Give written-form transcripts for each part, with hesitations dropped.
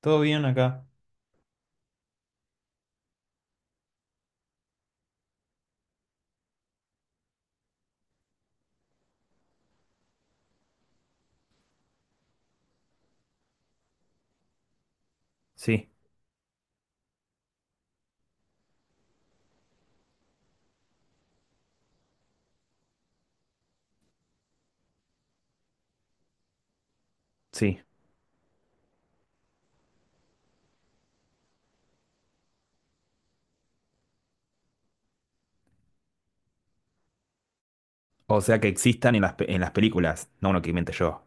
¿Todo bien acá? Sí, sí. O sea, que existan en las, en las películas, no uno que invente yo.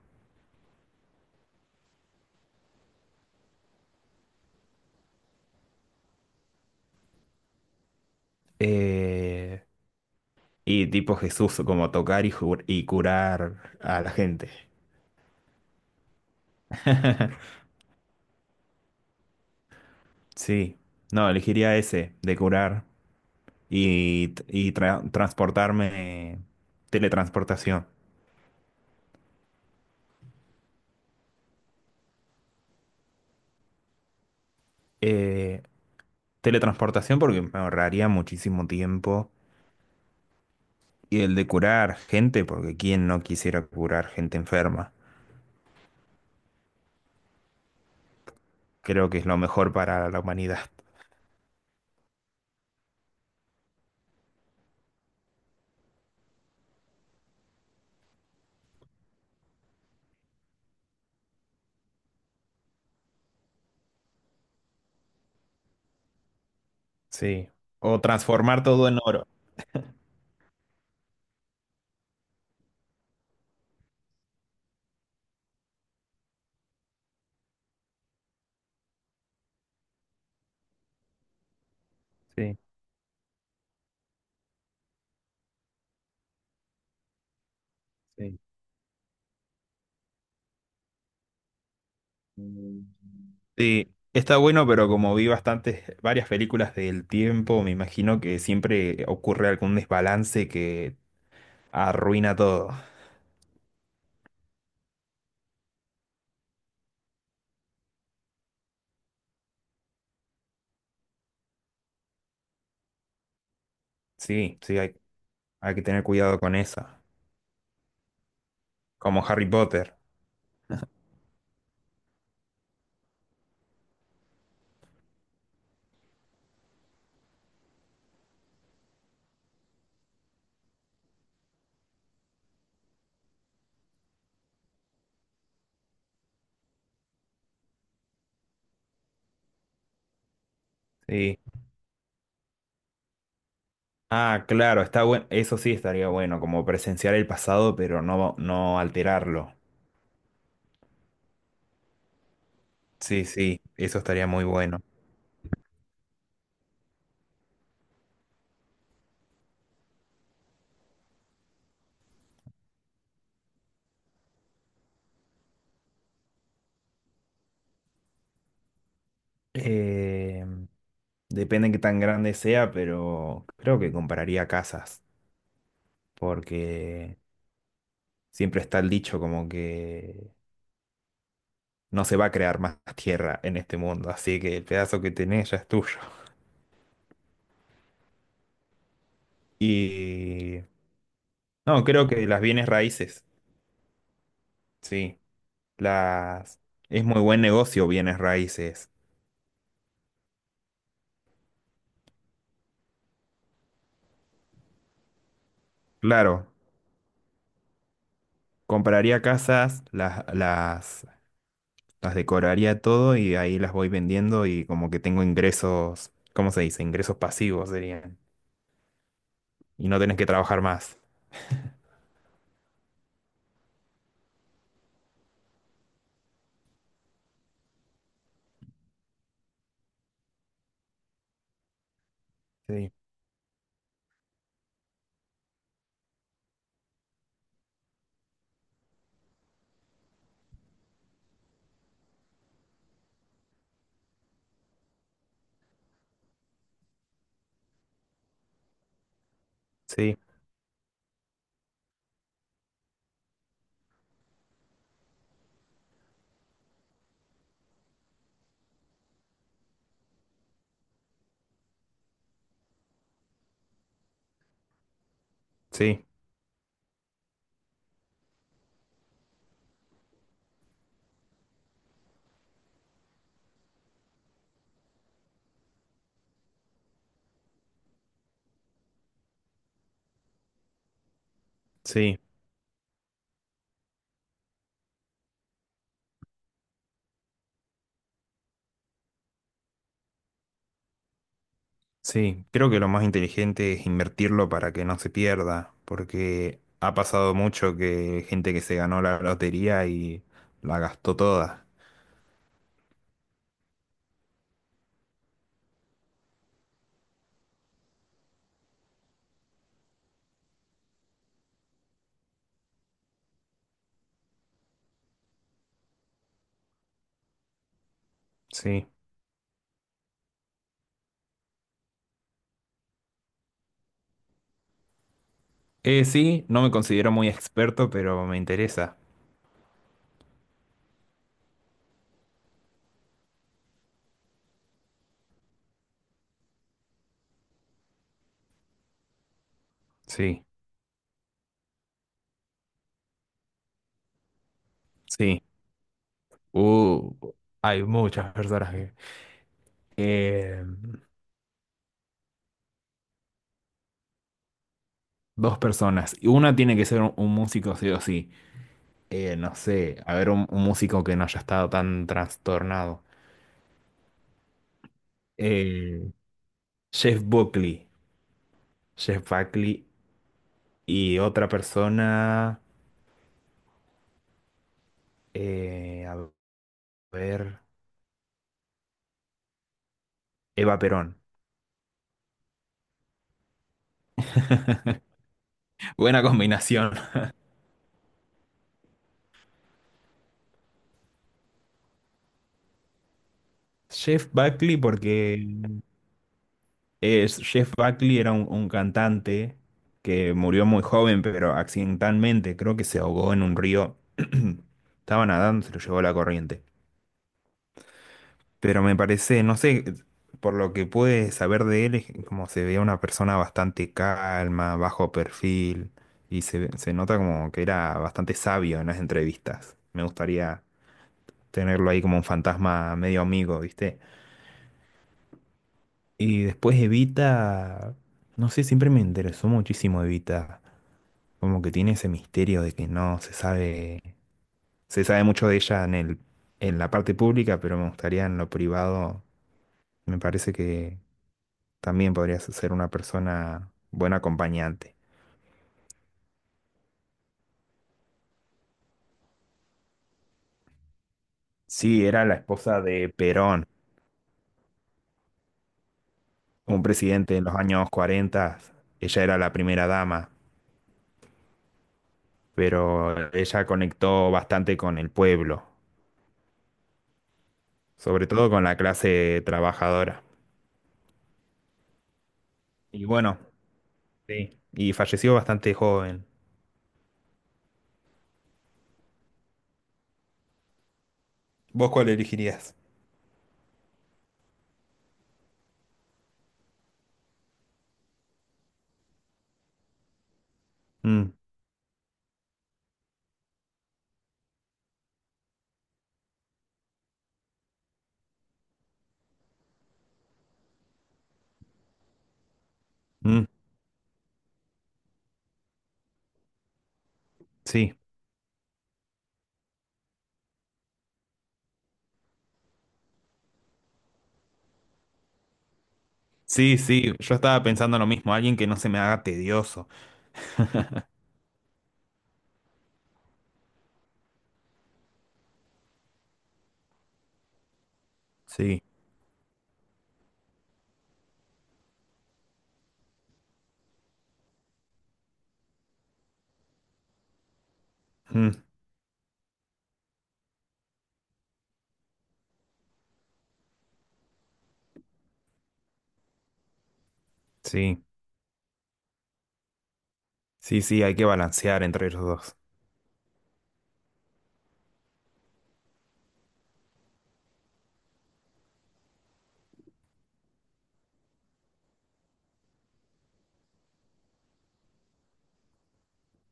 Eh, y tipo Jesús, como tocar y curar a la gente. Sí, no, elegiría ese, de curar y transportarme, teletransportación. Eh, Teletransportación porque me ahorraría muchísimo tiempo. Y el de curar gente, porque ¿quién no quisiera curar gente enferma? Creo que es lo mejor para la humanidad. Sí. O transformar todo en oro. Sí, sí. Mm. Sí, está bueno, pero como vi bastantes, varias películas del tiempo, me imagino que siempre ocurre algún desbalance que arruina todo. Sí, sí, hay que tener cuidado con esa. Como Harry Potter. Sí. Ah, claro, está bueno. Eso sí estaría bueno, como presenciar el pasado, pero no, no alterarlo. Sí, sí, eso estaría muy bueno. Eh, Depende de qué tan grande sea, pero creo que compararía casas, porque siempre está el dicho como que no se va a crear más tierra en este mundo, así que el pedazo que tenés ya es tuyo. Y no, creo que las bienes raíces, sí, las es muy buen negocio bienes raíces. Claro, compraría casas, las decoraría todo y ahí las voy vendiendo y como que tengo ingresos, ¿cómo se dice? Ingresos pasivos serían. Y no tenés que trabajar más. Sí, sí, sí, sí, sí. Creo que lo más inteligente es invertirlo para que no se pierda, porque ha pasado mucho que gente que se ganó la lotería y la gastó toda. Sí. Sí, no me considero muy experto, pero me interesa. Sí, sí. Uh, hay muchas personas que... eh, dos personas. Y una tiene que ser un músico sí o sí. No sé, a ver un músico que no haya estado tan trastornado. Eh, Jeff Buckley, Jeff Buckley y otra persona, eh, a ver, Eva Perón. Buena combinación. Jeff Buckley porque Jeff Buckley era un cantante que murió muy joven, pero accidentalmente creo que se ahogó en un río. Estaba nadando, se lo llevó la corriente. Pero me parece, no sé, por lo que pude saber de él, es como se veía una persona bastante calma, bajo perfil, y se nota como que era bastante sabio en las entrevistas. Me gustaría tenerlo ahí como un fantasma medio amigo, ¿viste? Y después Evita, no sé, siempre me interesó muchísimo Evita, como que tiene ese misterio de que no se sabe, se sabe mucho de ella en la parte pública, pero me gustaría en lo privado, me parece que también podrías ser una persona buen acompañante. Sí, era la esposa de Perón, un presidente en los años 40. Ella era la primera dama, pero ella conectó bastante con el pueblo, sobre todo con la clase trabajadora. Y bueno, sí. Y falleció bastante joven. ¿Vos cuál elegirías? Mm, mm, sí. Sí, sí, yo estaba pensando lo mismo, alguien que no se me haga tedioso. Sí, mm, sí, sí, sí, hay que balancear entre los dos.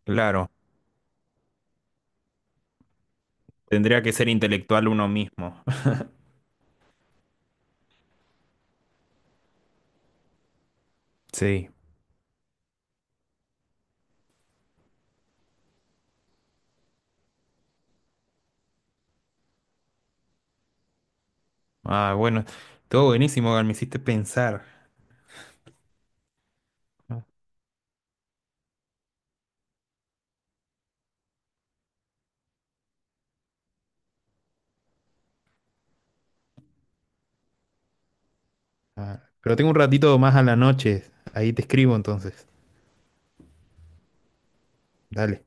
Claro. Tendría que ser intelectual uno mismo. Sí. Ah, bueno. Todo buenísimo, Gal, me hiciste pensar. Ah, pero tengo un ratito más a la noche. Ahí te escribo entonces. Dale.